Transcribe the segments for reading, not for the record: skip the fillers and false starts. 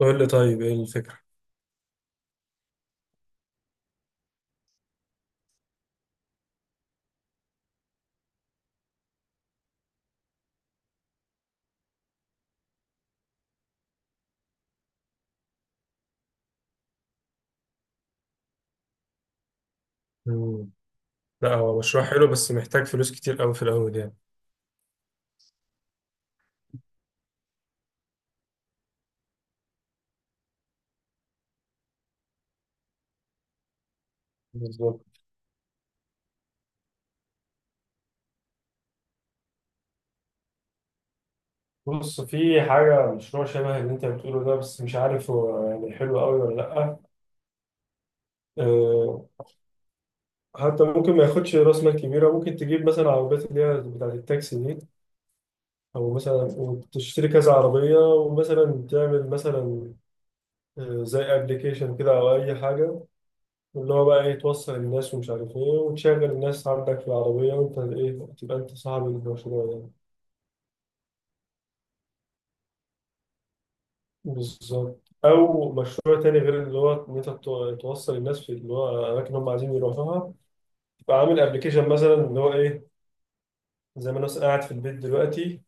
قول لي طيب ايه الفكرة؟ مم. لا، هو مشروع حلو بس محتاج فلوس كتير قوي في الأول يعني. بالظبط. بص، في حاجة مشروع شبه اللي أنت بتقوله ده، بس مش عارف هو يعني حلو أوي ولا لأ. أه. حتى ممكن ما ياخدش رأس مال كبيرة، ممكن تجيب مثلا عربيات اللي هي بتاعة التاكسي دي، أو مثلا وتشتري كذا عربية ومثلا تعمل مثلا، زي أبلكيشن كده أو أي حاجة، اللي هو بقى إيه، توصل الناس ومش عارف إيه، وتشغل الناس عندك في العربية، وأنت إيه تبقى أنت صاحب المشروع يعني. بالظبط. او مشروع تاني غير اللي هو ان انت توصل الناس في اللي هو الاماكن اللي هم عايزين يروحوها. فعامل ابلكيشن مثلا اللي هو ايه، زي ما انا مثلاً قاعد في البيت دلوقتي.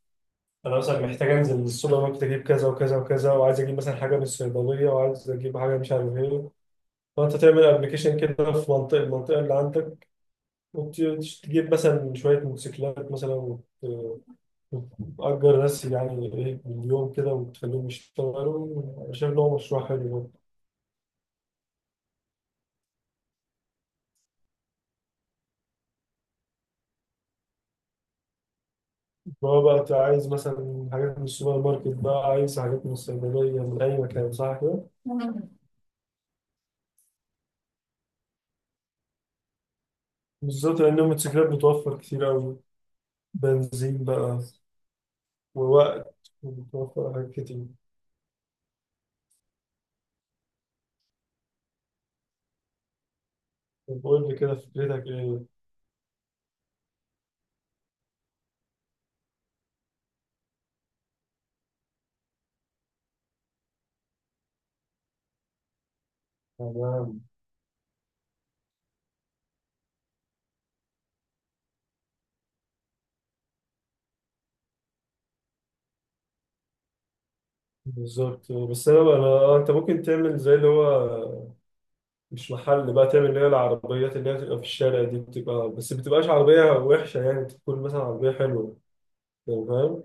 انا مثلا محتاج انزل السوبر ماركت، اجيب كذا وكذا وكذا، وعايز اجيب مثلا حاجه من الصيدليه، وعايز اجيب حاجه مش عارف ايه. فانت تعمل ابلكيشن كده في المنطقه اللي عندك، وتجيب مثلا شويه موتوسيكلات مثلا وتأجر ناس يعني ايه باليوم كده، وتخليهم يشتغلوا. أنا شايف إن هو مشروع حلو. هو بقى أنت عايز مثلا حاجات من السوبر ماركت، بقى عايز حاجات من الصيدلية من أي مكان، صح كده؟ بالظبط لأن الموتوسيكلات بتوفر كتير أوي. بنزين بقى، ووقت، وبتوفر حاجات كتير. طب قول لي كده فكرتك إيه؟ تمام. بالظبط. بس أنا بقى أنا، أنت ممكن تعمل زي اللي هو، مش محل بقى، تعمل اللي هي العربيات اللي هي بتبقى في الشارع دي، بتبقى بس بتبقاش عربية وحشة، يعني تكون مثلا عربية حلوة. يعني فاهم؟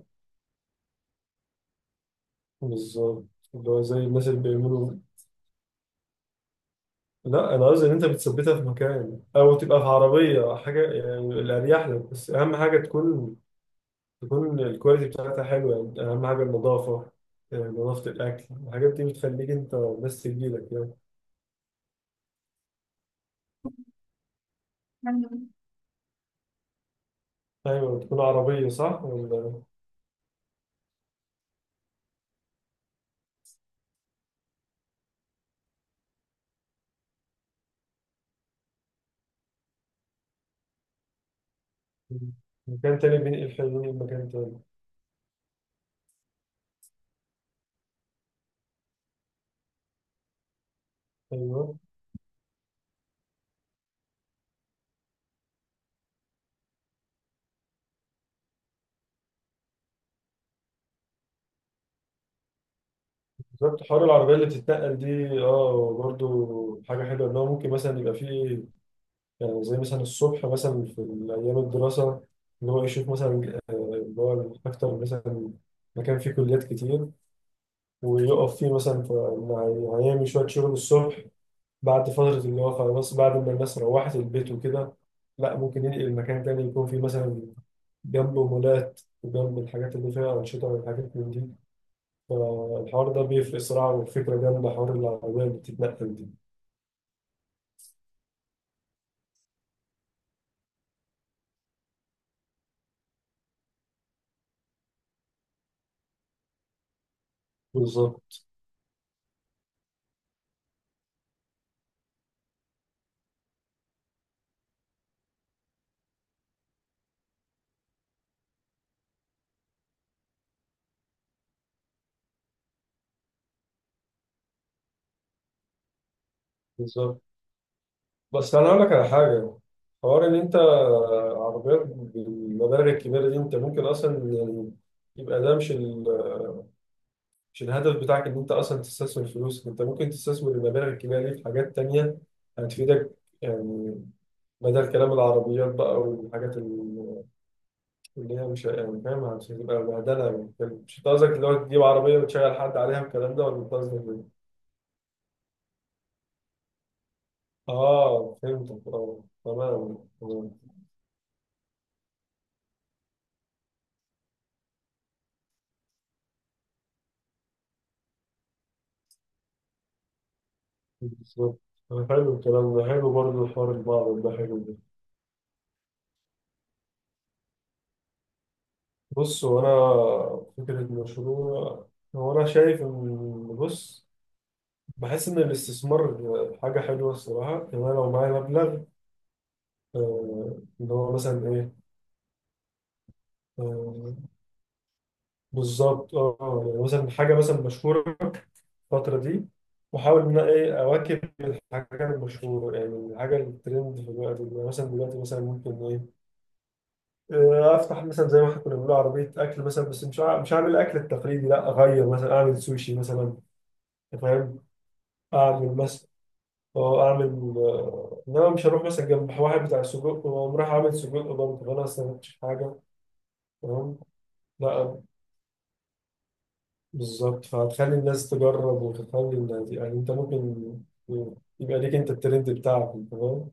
بالظبط. اللي هو زي الناس اللي بيعملوا. لا انا قصدي ان انت بتثبتها في مكان او تبقى في عربيه حاجه يعني الاريح لك، بس اهم حاجه تكون الكواليتي بتاعتها حلوه، يعني اهم حاجه النظافه. نظافه الاكل، الحاجات دي بتخليك انت بس تجيلك يعني. ايوه، تكون عربيه صح ولا مكان تاني، بينقل حلوين مكان تاني. ايوه بالظبط. حوار العربيه اللي بتتنقل دي، اه، برضو حاجه حلوه ان هو ممكن مثلا يبقى فيه. يعني زي مثلا الصبح مثلا في أيام الدراسة، إن هو يشوف مثلا اللي هو أكتر مثلا مكان فيه كليات كتير، ويقف فيه مثلا هيعمل شوية شغل الصبح. بعد فترة اللي هو خلاص بعد ما الناس روحت البيت وكده، لا، ممكن ينقل مكان تاني يكون فيه مثلا جنبه مولات، وجنب الحاجات اللي فيها أنشطة والحاجات من دي. فالحوار ده بيفرق صراحة، والفكرة جنب حوار العربية اللي بتتنقل دي. بالظبط. بالظبط. بس انا اقول لك على حاجه، حوار ان انت عربيات بالمبالغ الكبيره دي، انت ممكن اصلا يعني، يبقى ده مش ال... مش الهدف بتاعك ان انت اصلا تستثمر فلوسك. انت ممكن تستثمر المبالغ الكبيره دي في حاجات تانية هتفيدك يعني، بدل كلام العربيات بقى والحاجات اللي هي مش يعني فاهم مش هتبقى بهدله. يعني مش أنت قصدك اللي هو تجيب عربيه وتشغل حد عليها الكلام ده، ولا أنت قصدك إيه؟ اه، فهمتك، اه تمام. بالظبط. أنا حلو الكلام ده، حلو برضه، الحوار البعض ده حلو ده. بص وأنا، فكرة المشروع، هو أنا شايف إن، بص، بحس إن الاستثمار حاجة حلوة الصراحة، إن أنا لو معايا مبلغ، اللي هو مثلا إيه، آه، بالظبط. أه يعني مثلا حاجة مثلا مشهورة الفترة دي، وأحاول إن أنا إيه أواكب الحاجة المشهورة، يعني الحاجة الترند في الوقت ده. يعني مثلا دلوقتي مثلا ممكن إيه، افتح مثلا زي ما احنا كنا بنقول عربيه اكل مثلا، بس مش هعمل الاكل التقليدي، لا، اغير مثلا اعمل سوشي مثلا. أنت فاهم، اعمل مثلا، اه اعمل، انما مش هروح مثلا جنب واحد بتاع سجق واقوم رايح اعمل سجق برضه، فانا اصلا ما كنتش حاجه. تمام. لا. بالظبط. فهتخلي الناس تجرب وتخلي الناس، يعني انت ممكن يبقى ليك انت الترند بتاعك. تمام.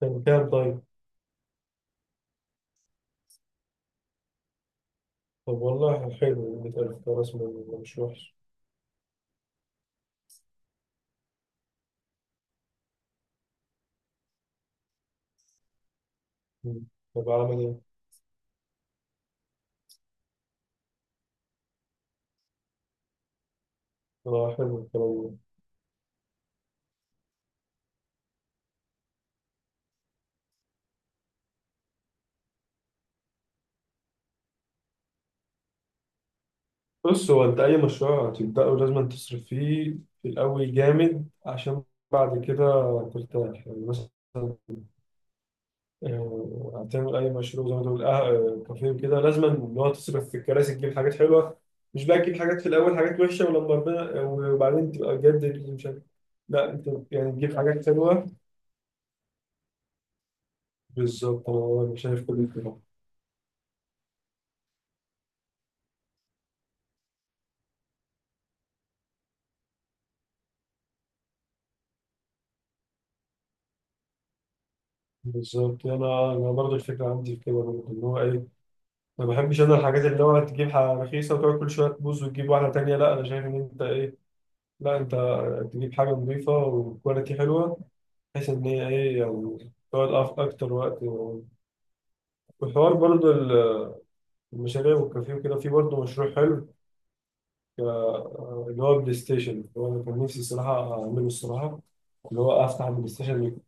كان كام طيب؟ طب والله حلو، 100,000 خلاص، مش وحش. مم. طب عمل ايه؟ اه حلو الكلام ده. بص، هو انت اي مشروع هتبدأه لازم تصرف فيه في الاول جامد، عشان بعد كده ترتاح. يعني مثلا هتعمل اي مشروع زي ما تقول، كافيه كده، لازم ان هو تصرف في الكراسي، تجيب حاجات حلوه، مش بقى تجيب حاجات في الاول حاجات وحشه، ولما ربنا وبعدين تبقى بجد اللي مش عارف. لا، انت يعني تجيب حاجات حلوه. بالظبط. أنا شايف كل كده. بالظبط. انا برضه الفكره عندي في كده برضه، ان هو ايه، ما بحبش انا الحاجات اللي هو تجيب حاجة رخيصة وتقعد كل شوية تبوظ وتجيب واحدة تانية. لا أنا شايف إن أنت إيه، لا أنت تجيب حاجة نظيفة وكواليتي حلوة، بحيث إن هي إيه، يعني تقعد أكتر وقت. والحوار برضه المشاريع والكافيه وكده، في برضه مشروع حلو، ك- اللي هو بلاي ستيشن. اللي هو أنا كان نفسي الصراحة أعمله الصراحة. اللي هو أفتح بلاي ستيشن،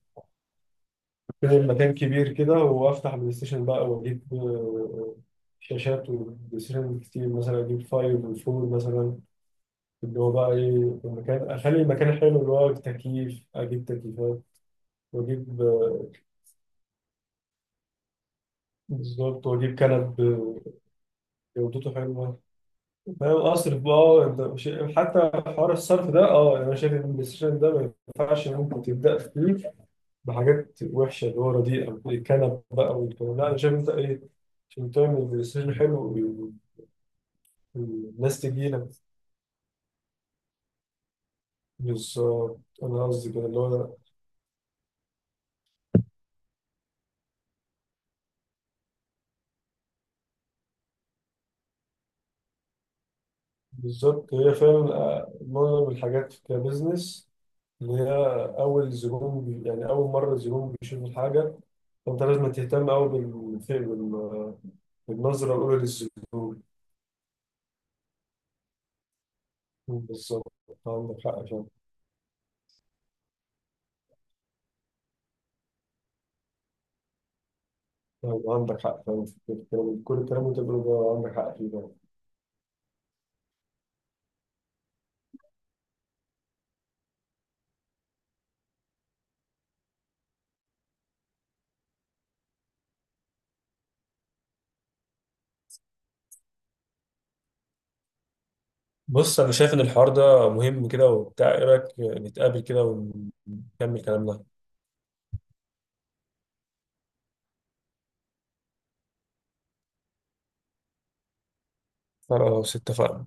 يكون مكان كبير كده، وأفتح بلاي ستيشن بقى وأجيب شاشات وبلاي ستيشن كتير، مثلا أجيب فايف وفور مثلا. اللي هو بقى ايه في المكان، اخلي المكان حلو، اللي هو تكييف، اجيب تكييفات، واجيب بالظبط واجيب كنب جودته حلوه. فاهم، اصرف بقى، انت حتى حوار الصرف ده اه، يعني انا شايف ان البلاي ستيشن ده ما ينفعش ممكن تبدا فيه بحاجات وحشه اللي هو رديئه الكنب بقى والكلام ده. لا انا شايف انت ايه، عشان تعمل بلاي ستيشن حلو والناس تجي لك. بالظبط انا قصدي كده اللي هو، بالظبط. هي فعلا معظم الحاجات كبزنس، إن هي أول زبون بي، يعني أول مرة الزبون بيشوف الحاجة، فأنت لازم تهتم أوي بالنظرة الأولى للزبون. بالظبط. عندك حق فعلا. طيب، عندك حق فعلا في كل الكلام اللي أنت بتقوله ده عندك حق فيه فعلا. بص انا شايف ان الحوار ده مهم كده وبتاع، ايه رايك نتقابل كده ونكمل كلامنا؟ خلاص اتفقنا.